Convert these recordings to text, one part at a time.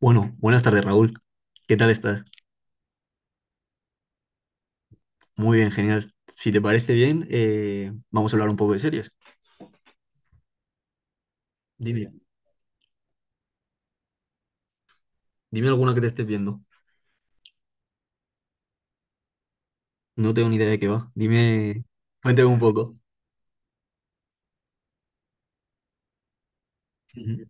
Bueno, buenas tardes, Raúl. ¿Qué tal estás? Muy bien, genial. Si te parece bien, vamos a hablar un poco de series. Dime, dime alguna que te estés viendo. No tengo ni idea de qué va. Dime, cuéntame un poco. Ujú,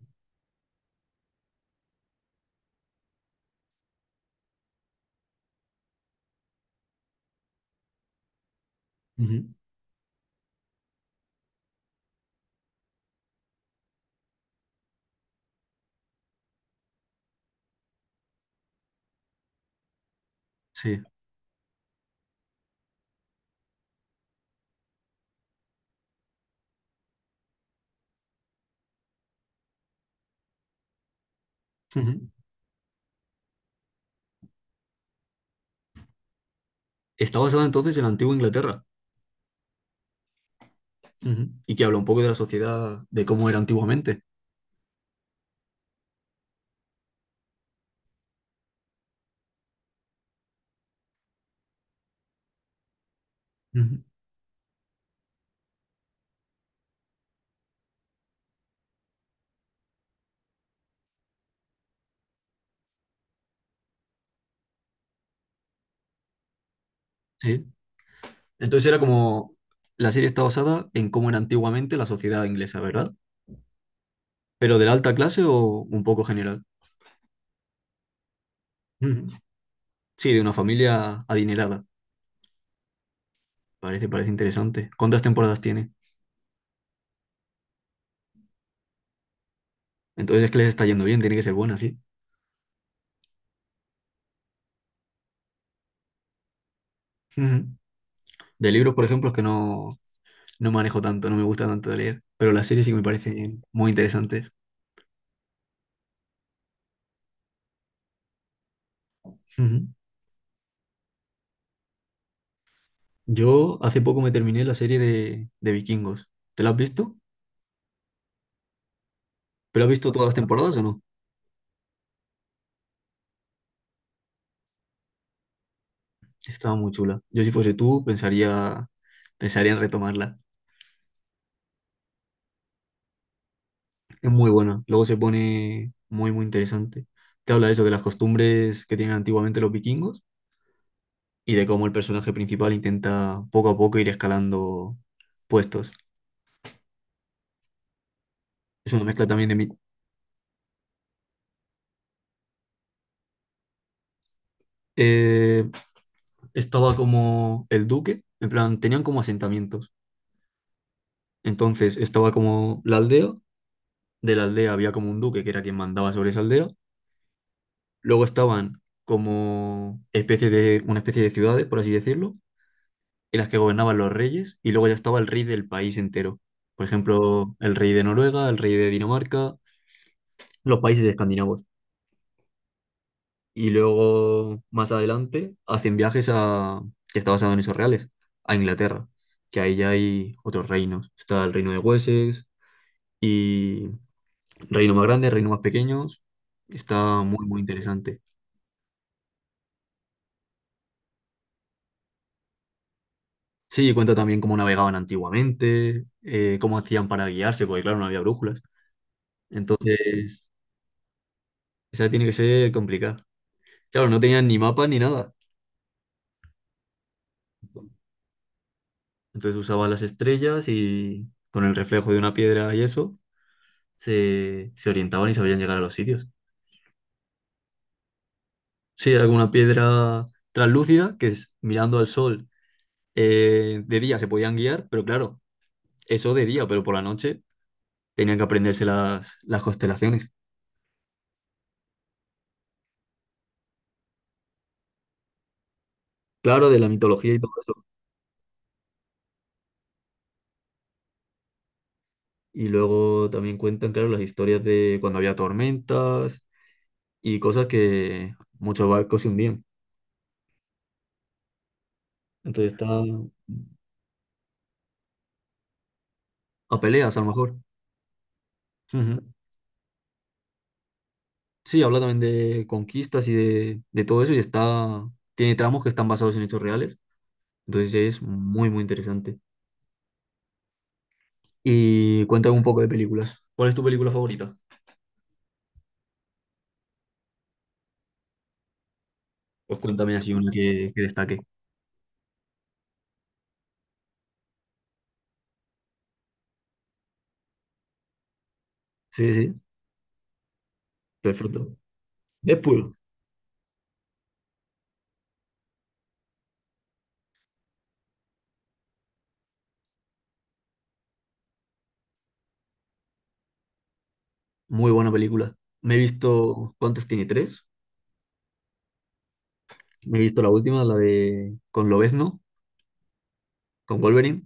ujú, sí, ujú. Está basada entonces en la antigua Inglaterra. Ujú. Y que habla un poco de la sociedad, de cómo era antiguamente. Ujú, sí. Entonces era como, la serie está basada en cómo era antiguamente la sociedad inglesa, ¿verdad? Pero de la alta clase o un poco general. Ujú. Sí, de una familia adinerada. Parece interesante. ¿Cuántas temporadas tiene? Entonces es que les está yendo bien, tiene que ser buena, sí. Ujú. De libros, por ejemplo, es que no, no manejo tanto, no me gusta tanto de leer, pero las series sí que me parecen muy interesantes. Ujú. Yo hace poco me terminé la serie de Vikingos. ¿Te la has visto? ¿Pero has visto todas las temporadas o no? Estaba muy chula. Yo si fuese tú, pensaría en retomarla. Es muy buena. Luego se pone muy interesante. Te habla de eso, de las costumbres que tienen antiguamente los vikingos y de cómo el personaje principal intenta poco a poco ir escalando puestos. Es una mezcla también de mí. Eh, Estaba como el duque, en plan, tenían como asentamientos. Entonces estaba como la aldea, de la aldea había como un duque que era quien mandaba sobre esa aldea. Luego estaban como especie de, una especie de ciudades, por así decirlo, en las que gobernaban los reyes, y luego ya estaba el rey del país entero. Por ejemplo, el rey de Noruega, el rey de Dinamarca, los países escandinavos. Y luego más adelante hacen viajes a, que está basado en esos reales, a Inglaterra, que ahí ya hay otros reinos. Está el reino de Wessex y reino más grande, reino más pequeños. Está muy interesante. Sí, cuenta también cómo navegaban antiguamente, cómo hacían para guiarse, porque claro, no había brújulas. Entonces, esa tiene que ser complicada. Claro, no tenían ni mapa ni nada. Entonces usaban las estrellas y con el reflejo de una piedra y eso se orientaban y sabían llegar a los sitios. Sí, era como una piedra translúcida que es- mirando al sol de día se podían guiar, pero claro, eso de día, pero por la noche tenían que aprenderse las constelaciones. Claro, de la mitología y todo eso. Y luego también cuentan, claro, las historias de cuando había tormentas y cosas que muchos barcos se hundían. Entonces está a peleas, a lo mejor. Ujú. Sí, habla también de conquistas y de todo eso y está, tiene tramos que están basados en hechos reales. Entonces es muy interesante. Y cuéntame un poco de películas. ¿Cuál es tu película favorita? Pues cuéntame así una que destaque. Sí, sí, perfecto. Deadpool, muy buena película. Me he visto, ¿cuántas tiene? ¿Tres? Me he visto la última, la de con Lobezno, con Wolverine,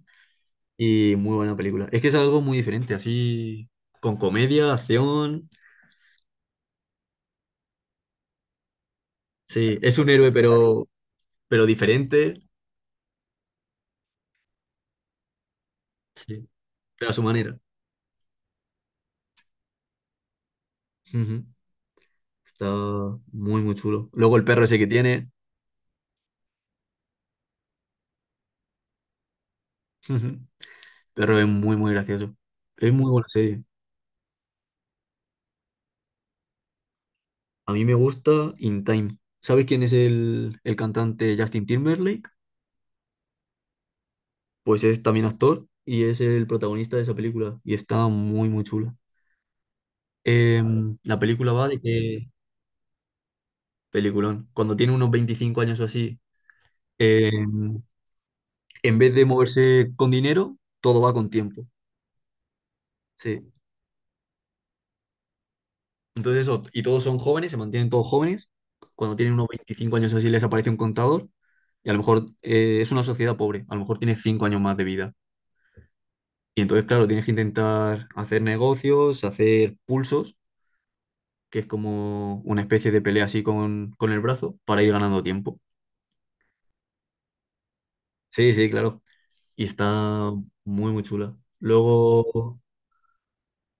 y muy buena película. Es que es algo muy diferente, así, con comedia, acción. Sí, es un héroe, pero diferente, sí, pero a su manera. Ujú. Está muy chulo. Luego el perro ese que tiene. Pero es muy gracioso. Es muy buena serie. A mí me gusta In Time. ¿Sabes quién es el cantante Justin Timberlake? Pues es también actor y es el protagonista de esa película. Y está muy chula. La película va de que... Peliculón. Cuando tiene unos 25 años o así, em, en vez de moverse con dinero, todo va con tiempo. Sí. Entonces eso, y todos son jóvenes, se mantienen todos jóvenes. Cuando tienen unos 25 años así les aparece un contador y a lo mejor es una sociedad pobre, a lo mejor tiene 5 años más de vida. Y entonces, claro, tienes que intentar hacer negocios, hacer pulsos, que es como una especie de pelea así con el brazo, para ir ganando tiempo. Sí, sí, claro. Y está muy chula. Luego,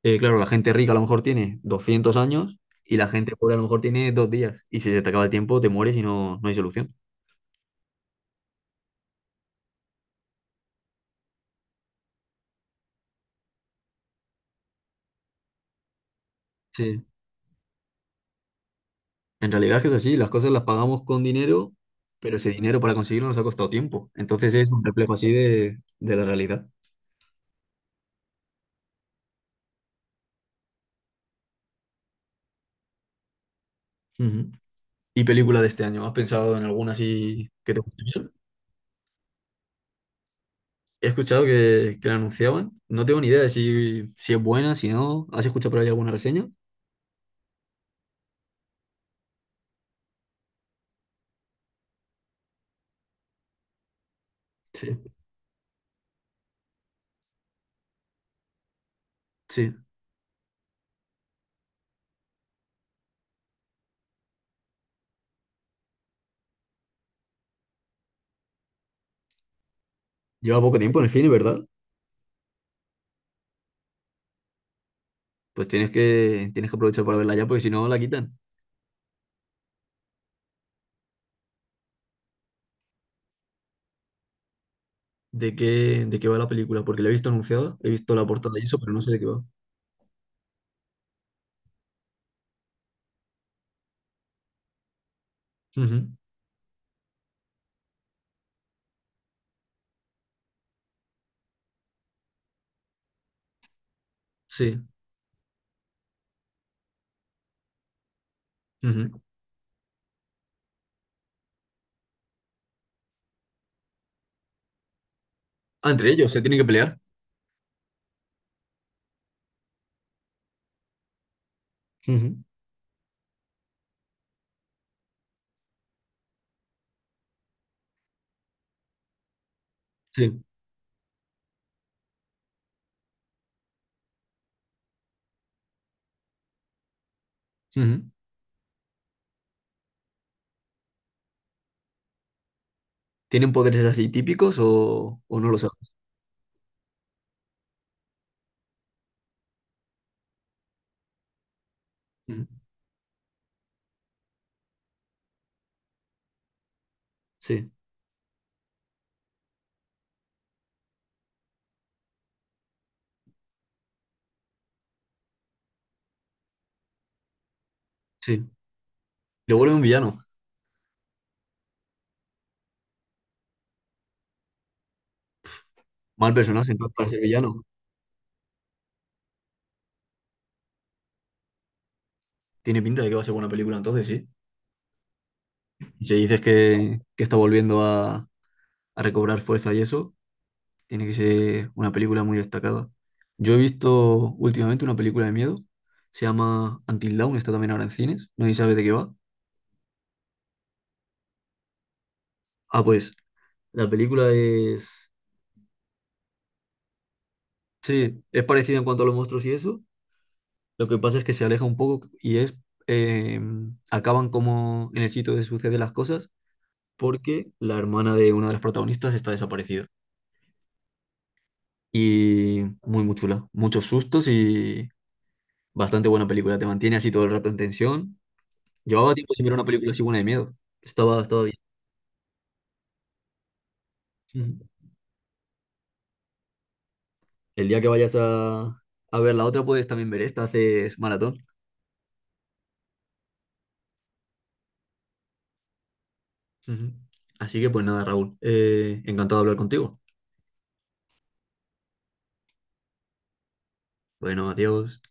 claro, la gente rica a lo mejor tiene 200 años y la gente pobre a lo mejor tiene 2 días. Y si se te acaba el tiempo, te mueres y no hay solución. Sí, en realidad es que es así, las cosas las pagamos con dinero, pero ese dinero para conseguirlo nos ha costado tiempo. Entonces es un reflejo así de la realidad. Ujú. ¿Y película de este año? ¿Has pensado en alguna así que te guste bien? He escuchado que la anunciaban. No tengo ni idea de si, si es buena, si no. ¿Has escuchado por ahí alguna reseña? Sí, sí. Lleva poco tiempo en el cine, ¿verdad? Pues tienes que aprovechar para verla ya, porque si no la quitan. ¿De qué va la película? Porque la he visto anunciada, he visto la portada y eso, pero no sé de qué va. Ujú, sí, ujú. Ah, entre ellos se tienen que pelear. Ujú. Sí. Ujú. ¿Tienen poderes así típicos o no lo sabes? Ujú. Sí. Sí. Le vuelve un villano. Mal personaje, entonces, para ser villano. Tiene pinta de que va a ser buena película, entonces sí. Y si dices que está volviendo a recobrar fuerza y eso, tiene que ser una película muy destacada. Yo he visto últimamente una película de miedo, se llama Until Dawn, está también ahora en cines, nadie sabe de qué va. Ah, pues la película es. Sí, es parecida en cuanto a los monstruos y eso. Lo que pasa es que se aleja un poco y es, eh, acaban como en el sitio donde suceden las cosas porque la hermana de una de las protagonistas está desaparecida. Y muy chula. Muchos sustos y bastante buena película. Te mantiene así todo el rato en tensión. Llevaba tiempo sin ver una película así buena de miedo. Estaba bien. Ujú. El día que vayas a ver la otra puedes también ver esta. Haces maratón. Ujú. Así que pues nada, Raúl, encantado de hablar contigo. Bueno, adiós.